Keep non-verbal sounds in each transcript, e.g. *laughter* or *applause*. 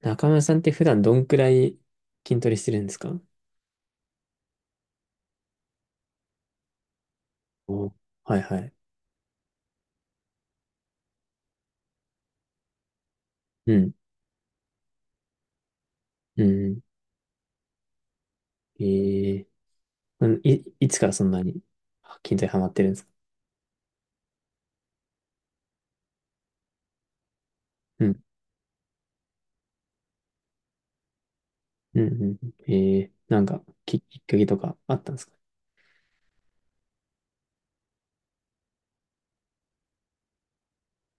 中村さんって普段どんくらい筋トレしてるんですか？お、はいはい。うん、うん。ええ。いつからそんなに筋トレハマってるんですか？うん、うん、うん。ええ。なんか、きっかけとかあったんですか？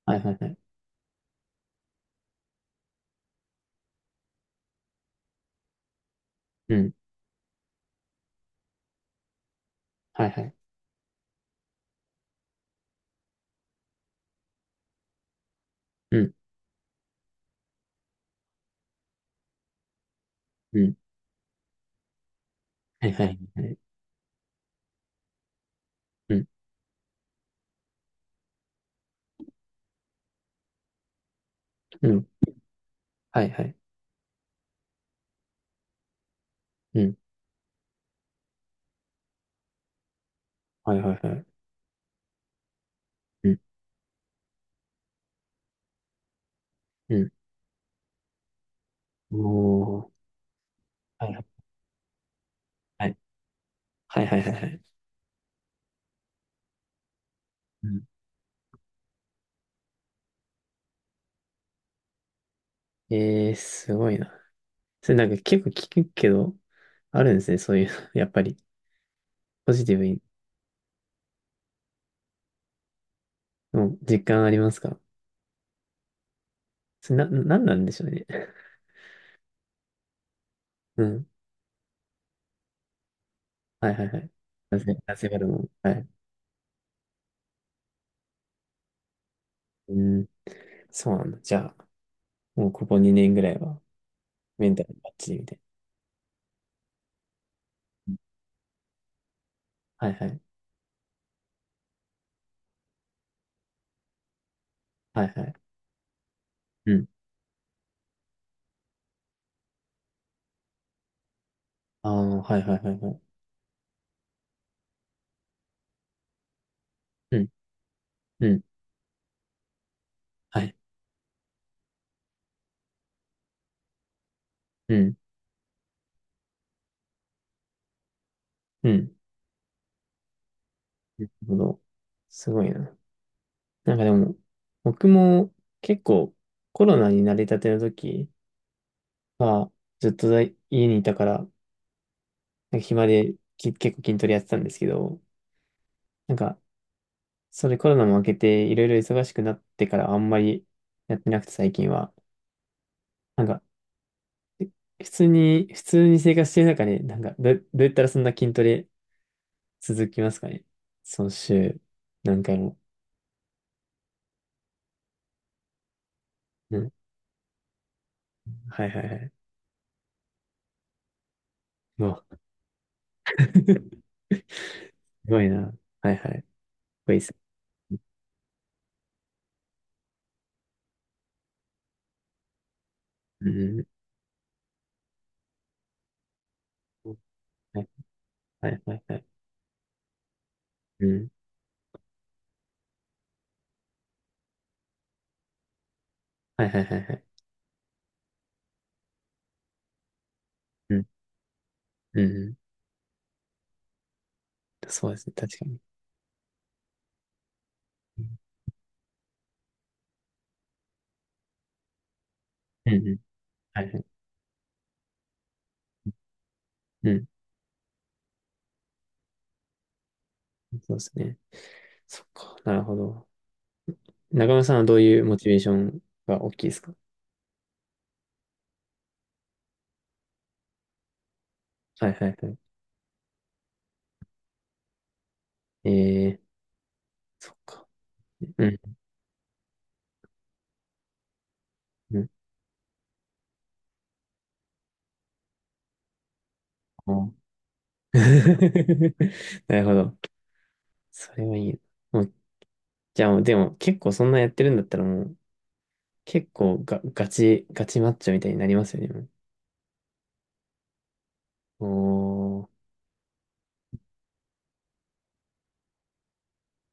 はいはいはい。うん、はいはい。うん、うん。はいはいはい。うん、うん。はいはい。うん、はいはいはい。うん、うん。おー。はいはいはい。はいはいはいはい。うん。ええ、すごいな。それなんか結構聞くけど、あるんですね、そういうの、*laughs* やっぱり。ポジティブに、もう実感ありますか？それな、なんなんでしょうね。*laughs* うん。はいはいはい。なぜ、なぜホルモン。はい。うん。そうなんだ。じゃあ、もうここ2年ぐらいは、メンタルバッチリみたいな。はいはい。はいはい。うん。ああ、はいはいはいはい。うん。うん。はい。うん。うん。なるほど。すごいな。なんかでも、僕も結構コロナに慣れたての時は、ずっと家にいたから、なんか暇で結構筋トレやってたんですけど、なんかそれコロナも明けていろいろ忙しくなってからあんまりやってなくて最近は。なんか、普通に、普通に生活してる中で、なんかどうやったらそんな筋トレ続きますかね、その週、何回も。うん。はいはいはい。うわ、*laughs* すごいな。はいはい。これいいっすね。うん。はいはいはいはい。うん。はいはいはいはい。うん。うん。そうですね。確かに。うん。うん。はいはい。うん。そうですね。そっか。なるほど。中村さんはどういうモチベーションが大きいですか？はいはいはい。ええ、そっか。うん、うん。うん。 *laughs* なるほど。それはいい。もう、じゃあもう、でも結構そんなやってるんだったらもう、結構が、ガチ、ガチマッチョみたいになりますよね。もう、お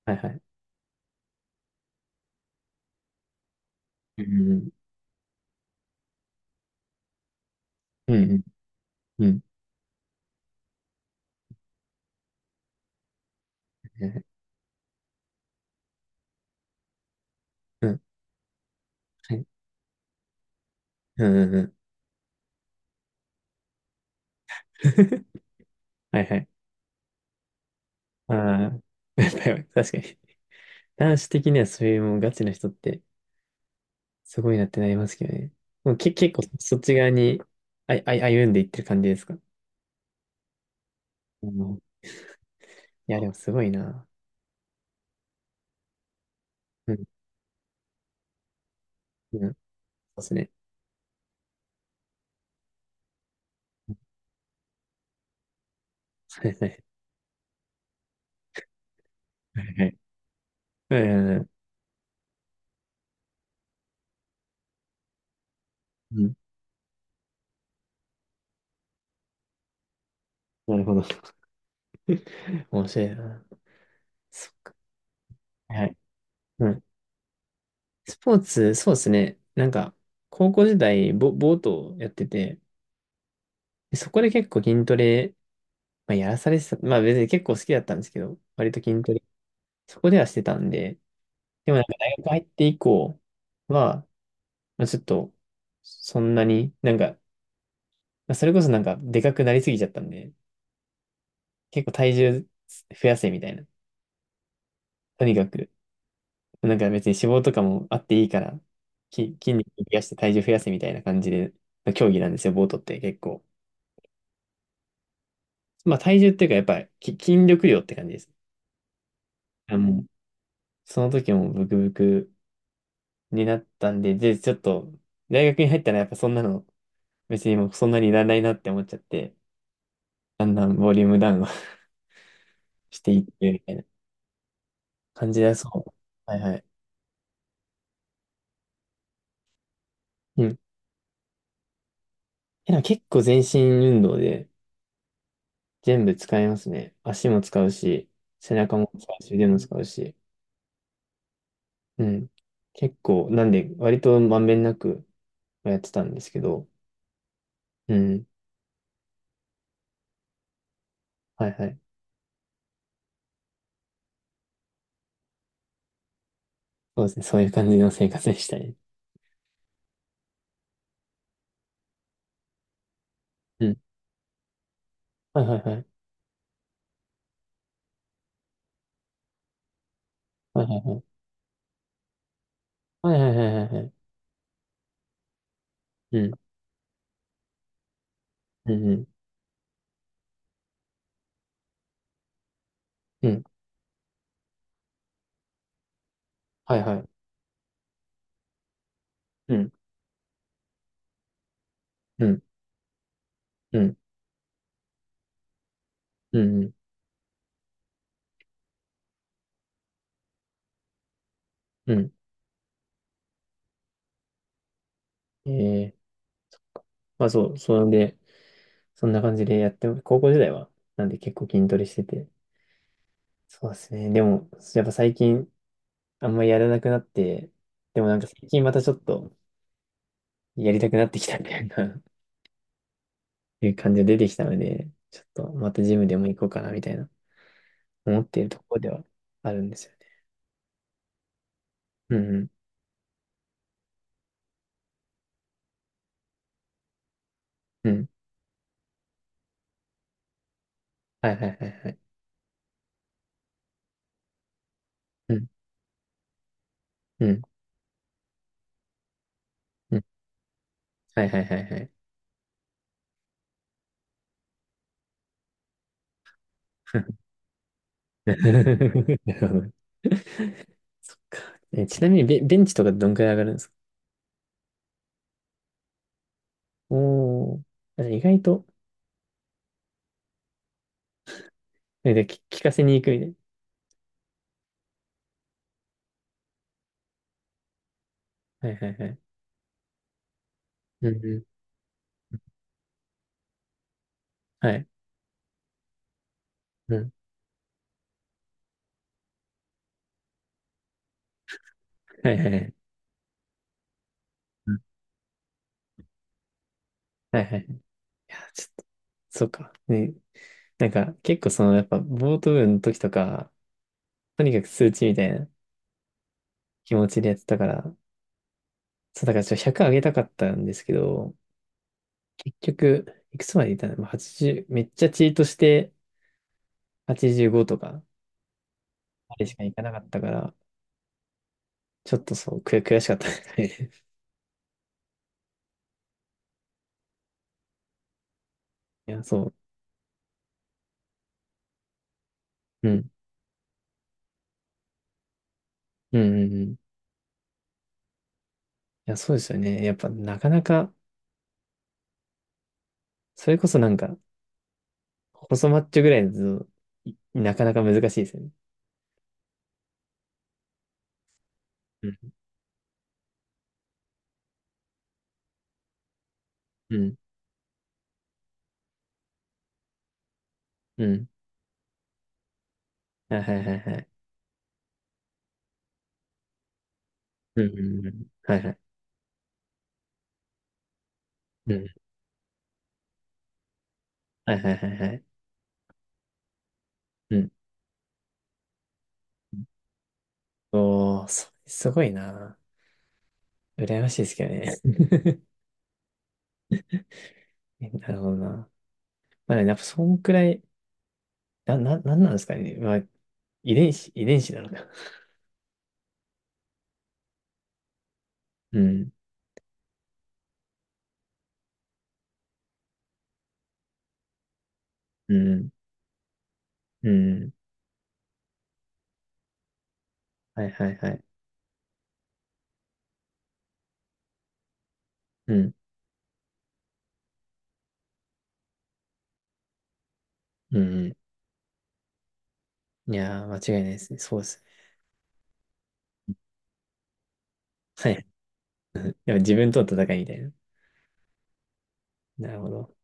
ー、はいはい。うん、うん、うん、うん、うん、うん、はい、うん、うん、うん。*laughs* はいはい。ああ、*laughs* やっぱり確かに。男子的にはそういうもうガチな人ってすごいなってなりますけどね。もうけ、結構そっち側にあい、あい、歩んでいってる感じですか。うん、いや、でもすごいな。うん、うん、そうですね。はいはいはいはいはいはい。 *laughs* うん、なるほど。面白いな。そ、はい。うん。スポーツ、そうですね。なんか、高校時代、ボートをやってて、でそこで結構筋トレ、まあ、やらされてた。まあ別に結構好きだったんですけど、割と筋トレ、そこではしてたんで、でもなんか大学入って以降は、まあ、ちょっと、そんなに、なんか、まあそれこそなんか、でかくなりすぎちゃったんで、結構体重増やせみたいな。とにかく、なんか別に脂肪とかもあっていいから、筋肉増やして体重増やせみたいな感じで、の競技なんですよ、ボートって結構。まあ体重っていうか、やっぱり筋力量って感じです。あ、もう、その時もブクブクになったんで、で、ちょっと、大学に入ったらやっぱそんなの、別にもうそんなにいらないなって思っちゃって、だんだんボリュームダウンを *laughs* していって、みたいな。感じだそう。はいはい。うん。え、なんか結構全身運動で全部使いますね。足も使うし、背中も使うし、腕も使うし。うん。結構、なんで、割とまんべんなくやってたんですけど。うん。はいはい。そうですね。そういう感じの生活でしたね。うん。はいはいはい。はいはいはい。はいはいはいはいはい。うん。うんうん。うん。はいはい。うん。うん。うん。うん。うん。うん、えー、まあそう。それで、そんな感じでやって、高校時代は、なんで結構筋トレしてて。そうですね。でも、やっぱ最近、あんまりやらなくなって、でもなんか最近またちょっとやりたくなってきたみたいな *laughs* いう感じが出てきたので、ちょっとまたジムでも行こうかなみたいな思っているところではあるんですよね。うん、うん、うん。はいはいはいはい。うん、うん、うん。はいはいはいはい。*laughs* なるほど。ちなみにベンチとかどんくらい上がるんですか？おー、あ意外と、で、聞かせに行くみたいな。はいはいはい。うんうん。はい。うん。はいはいはい。はいはい。いや、ちょっと、そうか。ね、なんか、結構その、やっぱ、ボート部の時とか、とにかく数値みたいな気持ちでやってたから、そう、だからちょっと100上げたかったんですけど、結局、いくつまでいたのまあ？ 80、めっちゃチートして85とか、あれしかいかなかったから、ちょっとそう、悔しかったですね。*laughs* いや、そう。うん。うんうんうん。いや、そうですよね。やっぱ、なかなか、それこそなんか、細マッチョぐらいだと、なかなか難しいですよね。うん。うん。うん。はいはいはいはい。うんうんうん。はいはい。うん。はいはいはいはい。うん。おー、すごいな。羨ましいですけどね。*laughs* なるほどな。まあ、やっぱそんくらい、なんなんですかね。まあ、遺伝子なのか。*laughs* うん、うん、うん。はいはいはい。うん、うん。うん、いやー、間違いないですね。そうですね。はい。でも自分との戦いみたいな。なるほど。